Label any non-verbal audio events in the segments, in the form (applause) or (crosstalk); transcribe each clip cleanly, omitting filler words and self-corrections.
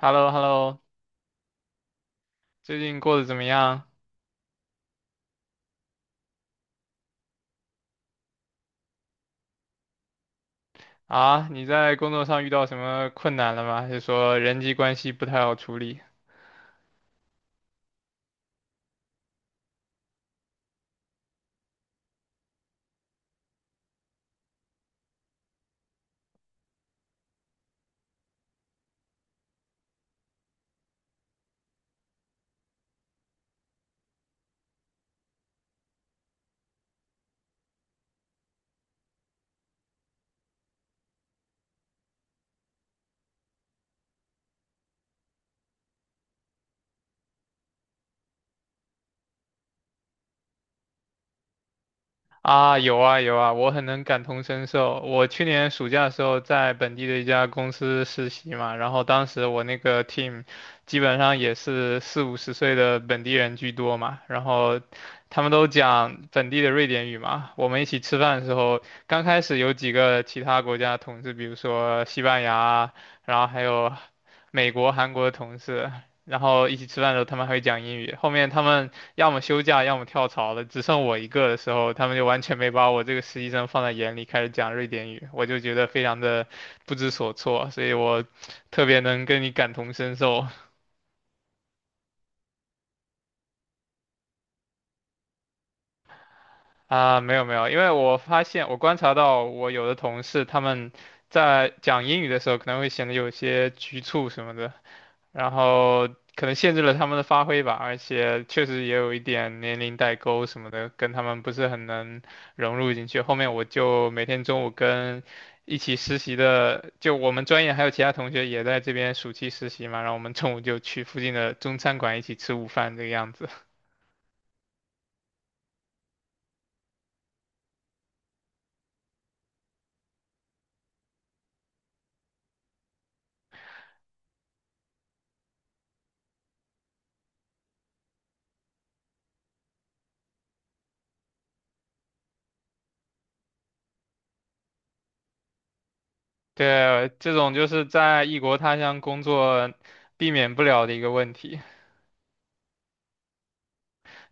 Hello hello。 最近过得怎么样？啊？你在工作上遇到什么困难了吗？还是说人际关系不太好处理？啊，有啊有啊，我很能感同身受。我去年暑假的时候在本地的一家公司实习嘛，然后当时我那个 team 基本上也是四五十岁的本地人居多嘛，然后他们都讲本地的瑞典语嘛。我们一起吃饭的时候，刚开始有几个其他国家的同事，比如说西班牙啊，然后还有美国、韩国的同事，然后一起吃饭的时候他们还会讲英语。后面他们要么休假，要么跳槽了，只剩我一个的时候，他们就完全没把我这个实习生放在眼里，开始讲瑞典语，我就觉得非常的不知所措，(laughs) 所以我特别能跟你感同身受。啊，没有没有，因为我发现我观察到我有的同事他们在讲英语的时候可能会显得有些局促什么的，然后可能限制了他们的发挥吧，而且确实也有一点年龄代沟什么的，跟他们不是很能融入进去。后面我就每天中午跟一起实习的，就我们专业还有其他同学也在这边暑期实习嘛，然后我们中午就去附近的中餐馆一起吃午饭这个样子。(laughs) 对，这种就是在异国他乡工作避免不了的一个问题。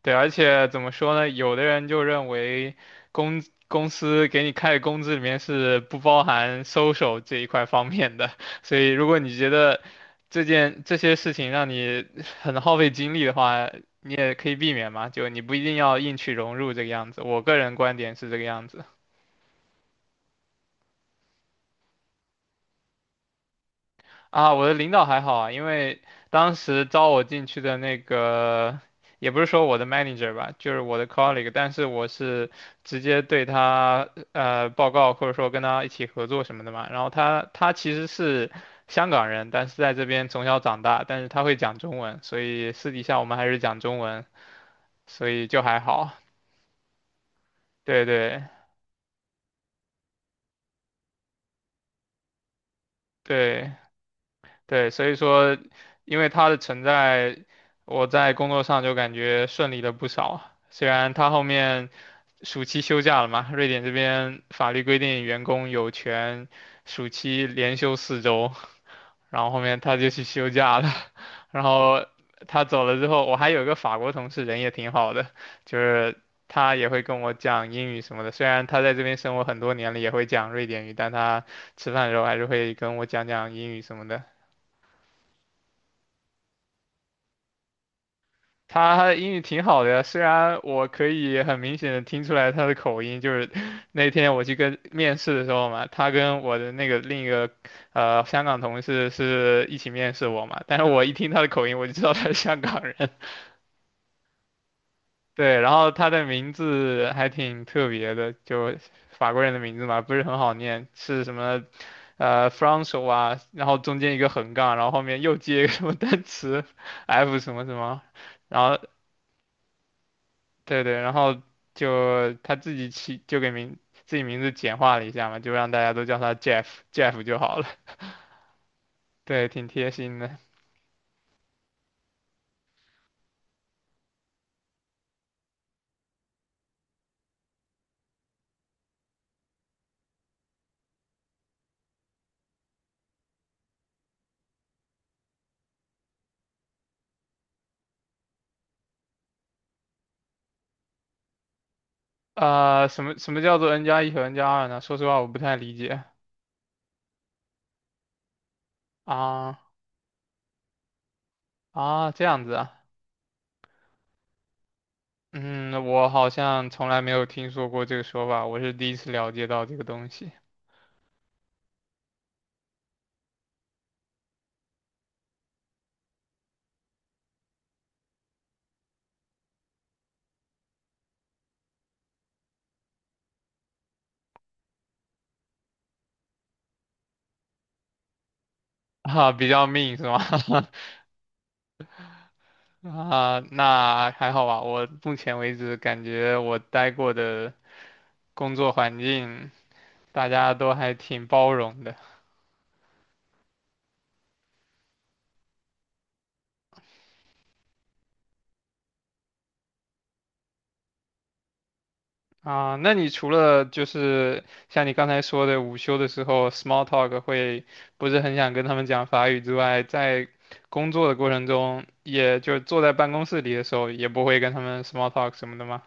对，而且怎么说呢？有的人就认为公司给你开的工资里面是不包含 social 这一块方面的，所以如果你觉得这些事情让你很耗费精力的话，你也可以避免嘛，就你不一定要硬去融入这个样子。我个人观点是这个样子。啊，我的领导还好啊，因为当时招我进去的那个，也不是说我的 manager 吧，就是我的 colleague，但是我是直接对他报告，或者说跟他一起合作什么的嘛。然后他其实是香港人，但是在这边从小长大，但是他会讲中文，所以私底下我们还是讲中文，所以就还好。对对对。对，所以说，因为他的存在，我在工作上就感觉顺利了不少。虽然他后面暑期休假了嘛，瑞典这边法律规定员工有权暑期连休4周，然后后面他就去休假了。(laughs) 然后他走了之后，我还有一个法国同事，人也挺好的，就是他也会跟我讲英语什么的。虽然他在这边生活很多年了，也会讲瑞典语，但他吃饭的时候还是会跟我讲讲英语什么的。他英语挺好的呀，虽然我可以很明显的听出来他的口音，就是 (laughs) 那天我去跟面试的时候嘛，他跟我的那个另一个香港同事是一起面试我嘛，但是我一听他的口音，我就知道他是香港人。(laughs) 对，然后他的名字还挺特别的，就法国人的名字嘛，不是很好念，是什么f r a n ç o 啊然后中间一个横杠，然后后面又接一个什么单词 (laughs) F 什么什么，然后对对，然后就他自己名字简化了一下嘛，就让大家都叫他 Jeff，Jeff 就好了。(laughs) 对，挺贴心的。什么叫做 n 加一和 n 加二呢？说实话，我不太理解。啊啊，这样子啊。嗯，我好像从来没有听说过这个说法，我是第一次了解到这个东西。啊，比较命是吗？(laughs) 啊，那还好吧。我目前为止感觉我待过的工作环境，大家都还挺包容的啊。那你除了就是像你刚才说的午休的时候 small talk 会不是很想跟他们讲法语之外，在工作的过程中，也就坐在办公室里的时候，也不会跟他们 small talk 什么的吗？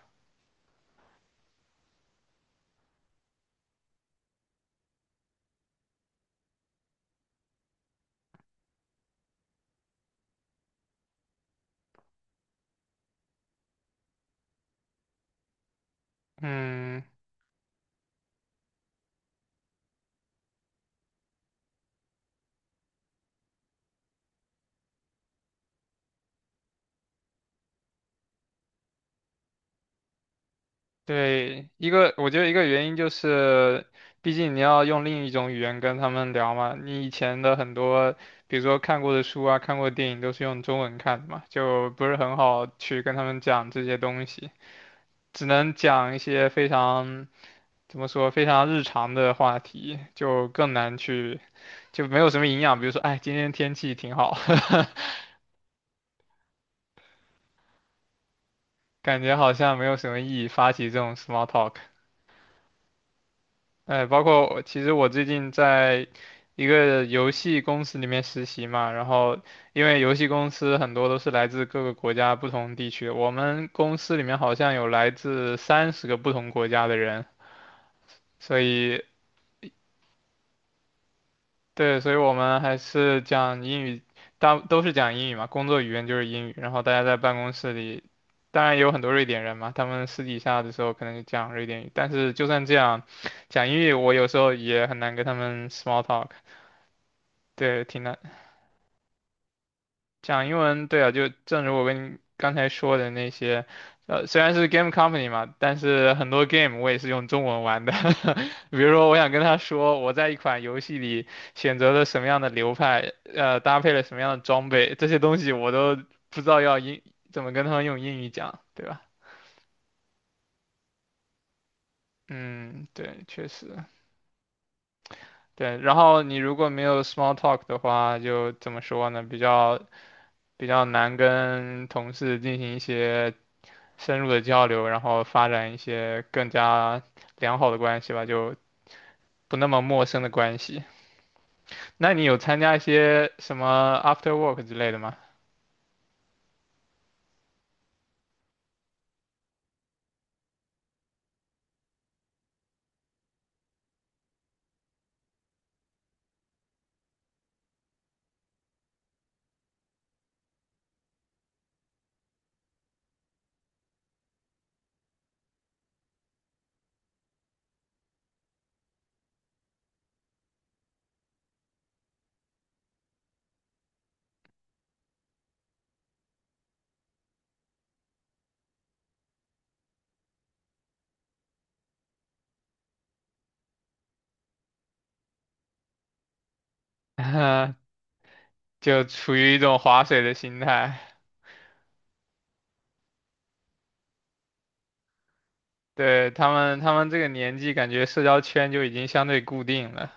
嗯。对，一个我觉得一个原因就是，毕竟你要用另一种语言跟他们聊嘛。你以前的很多，比如说看过的书啊、看过的电影，都是用中文看的嘛，就不是很好去跟他们讲这些东西，只能讲一些非常怎么说非常日常的话题，就更难去，就没有什么营养。比如说，哎，今天天气挺好，(laughs) 感觉好像没有什么意义发起这种 small talk。哎，包括我其实我最近在一个游戏公司里面实习嘛，然后因为游戏公司很多都是来自各个国家不同地区的，我们公司里面好像有来自30个不同国家的人，所以对，所以我们还是讲英语，大都是讲英语嘛，工作语言就是英语，然后大家在办公室里，当然也有很多瑞典人嘛，他们私底下的时候可能就讲瑞典语，但是就算这样，讲英语我有时候也很难跟他们 small talk。对，挺难讲英文。对啊，就正如我跟你刚才说的那些，虽然是 game company 嘛，但是很多 game 我也是用中文玩的。(laughs) 比如说，我想跟他说我在一款游戏里选择了什么样的流派，搭配了什么样的装备，这些东西我都不知道怎么跟他们用英语讲，对吧？嗯，对，确实，对。然后你如果没有 small talk 的话，就怎么说呢？比较难跟同事进行一些深入的交流，然后发展一些更加良好的关系吧，就不那么陌生的关系。那你有参加一些什么 after work 之类的吗？(laughs) 就处于一种划水的心态。对，他们这个年纪，感觉社交圈就已经相对固定了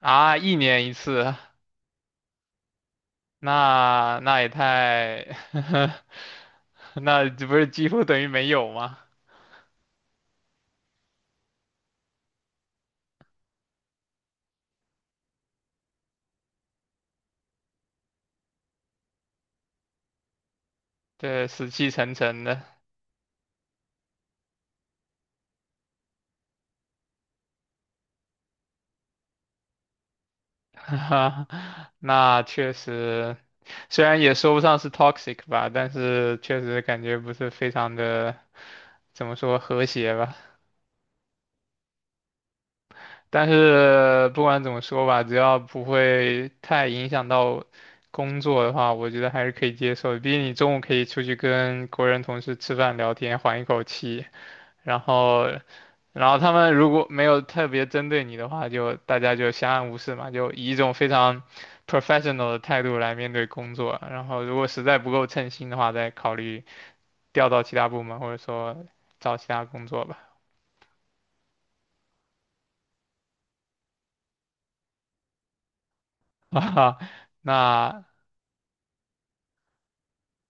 啊，一年一次，那也太，(laughs) 那这不是几乎等于没有吗？对，死气沉沉的。哈，(laughs) 那确实，虽然也说不上是 toxic 吧，但是确实感觉不是非常的，怎么说和谐吧。但是不管怎么说吧，只要不会太影响到工作的话，我觉得还是可以接受的。毕竟你中午可以出去跟国人同事吃饭聊天，缓一口气。然后，然后他们如果没有特别针对你的话，就大家就相安无事嘛，就以一种非常 professional 的态度来面对工作。然后，如果实在不够称心的话，再考虑调到其他部门，或者说找其他工作吧。(laughs) 啊，那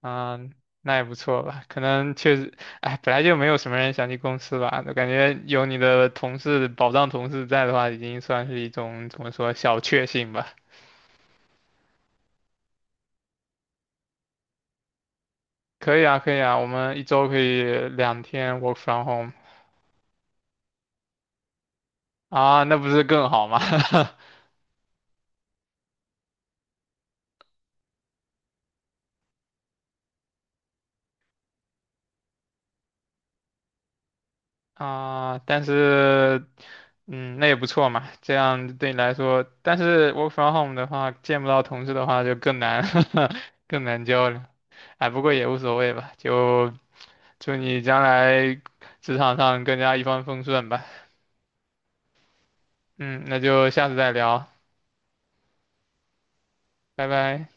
嗯，那也不错吧。可能确实，哎，本来就没有什么人想去公司吧。我感觉有你的同事，保障同事在的话，已经算是一种怎么说小确幸吧。可以啊，可以啊，我们一周可以2天 work from home 啊，那不是更好吗？(laughs) 啊，但是，嗯，那也不错嘛，这样对你来说，但是 work from home 的话，见不到同事的话就更难，(laughs) 更难交流。哎，不过也无所谓吧，就祝你将来职场上更加一帆风顺吧。嗯，那就下次再聊，拜拜。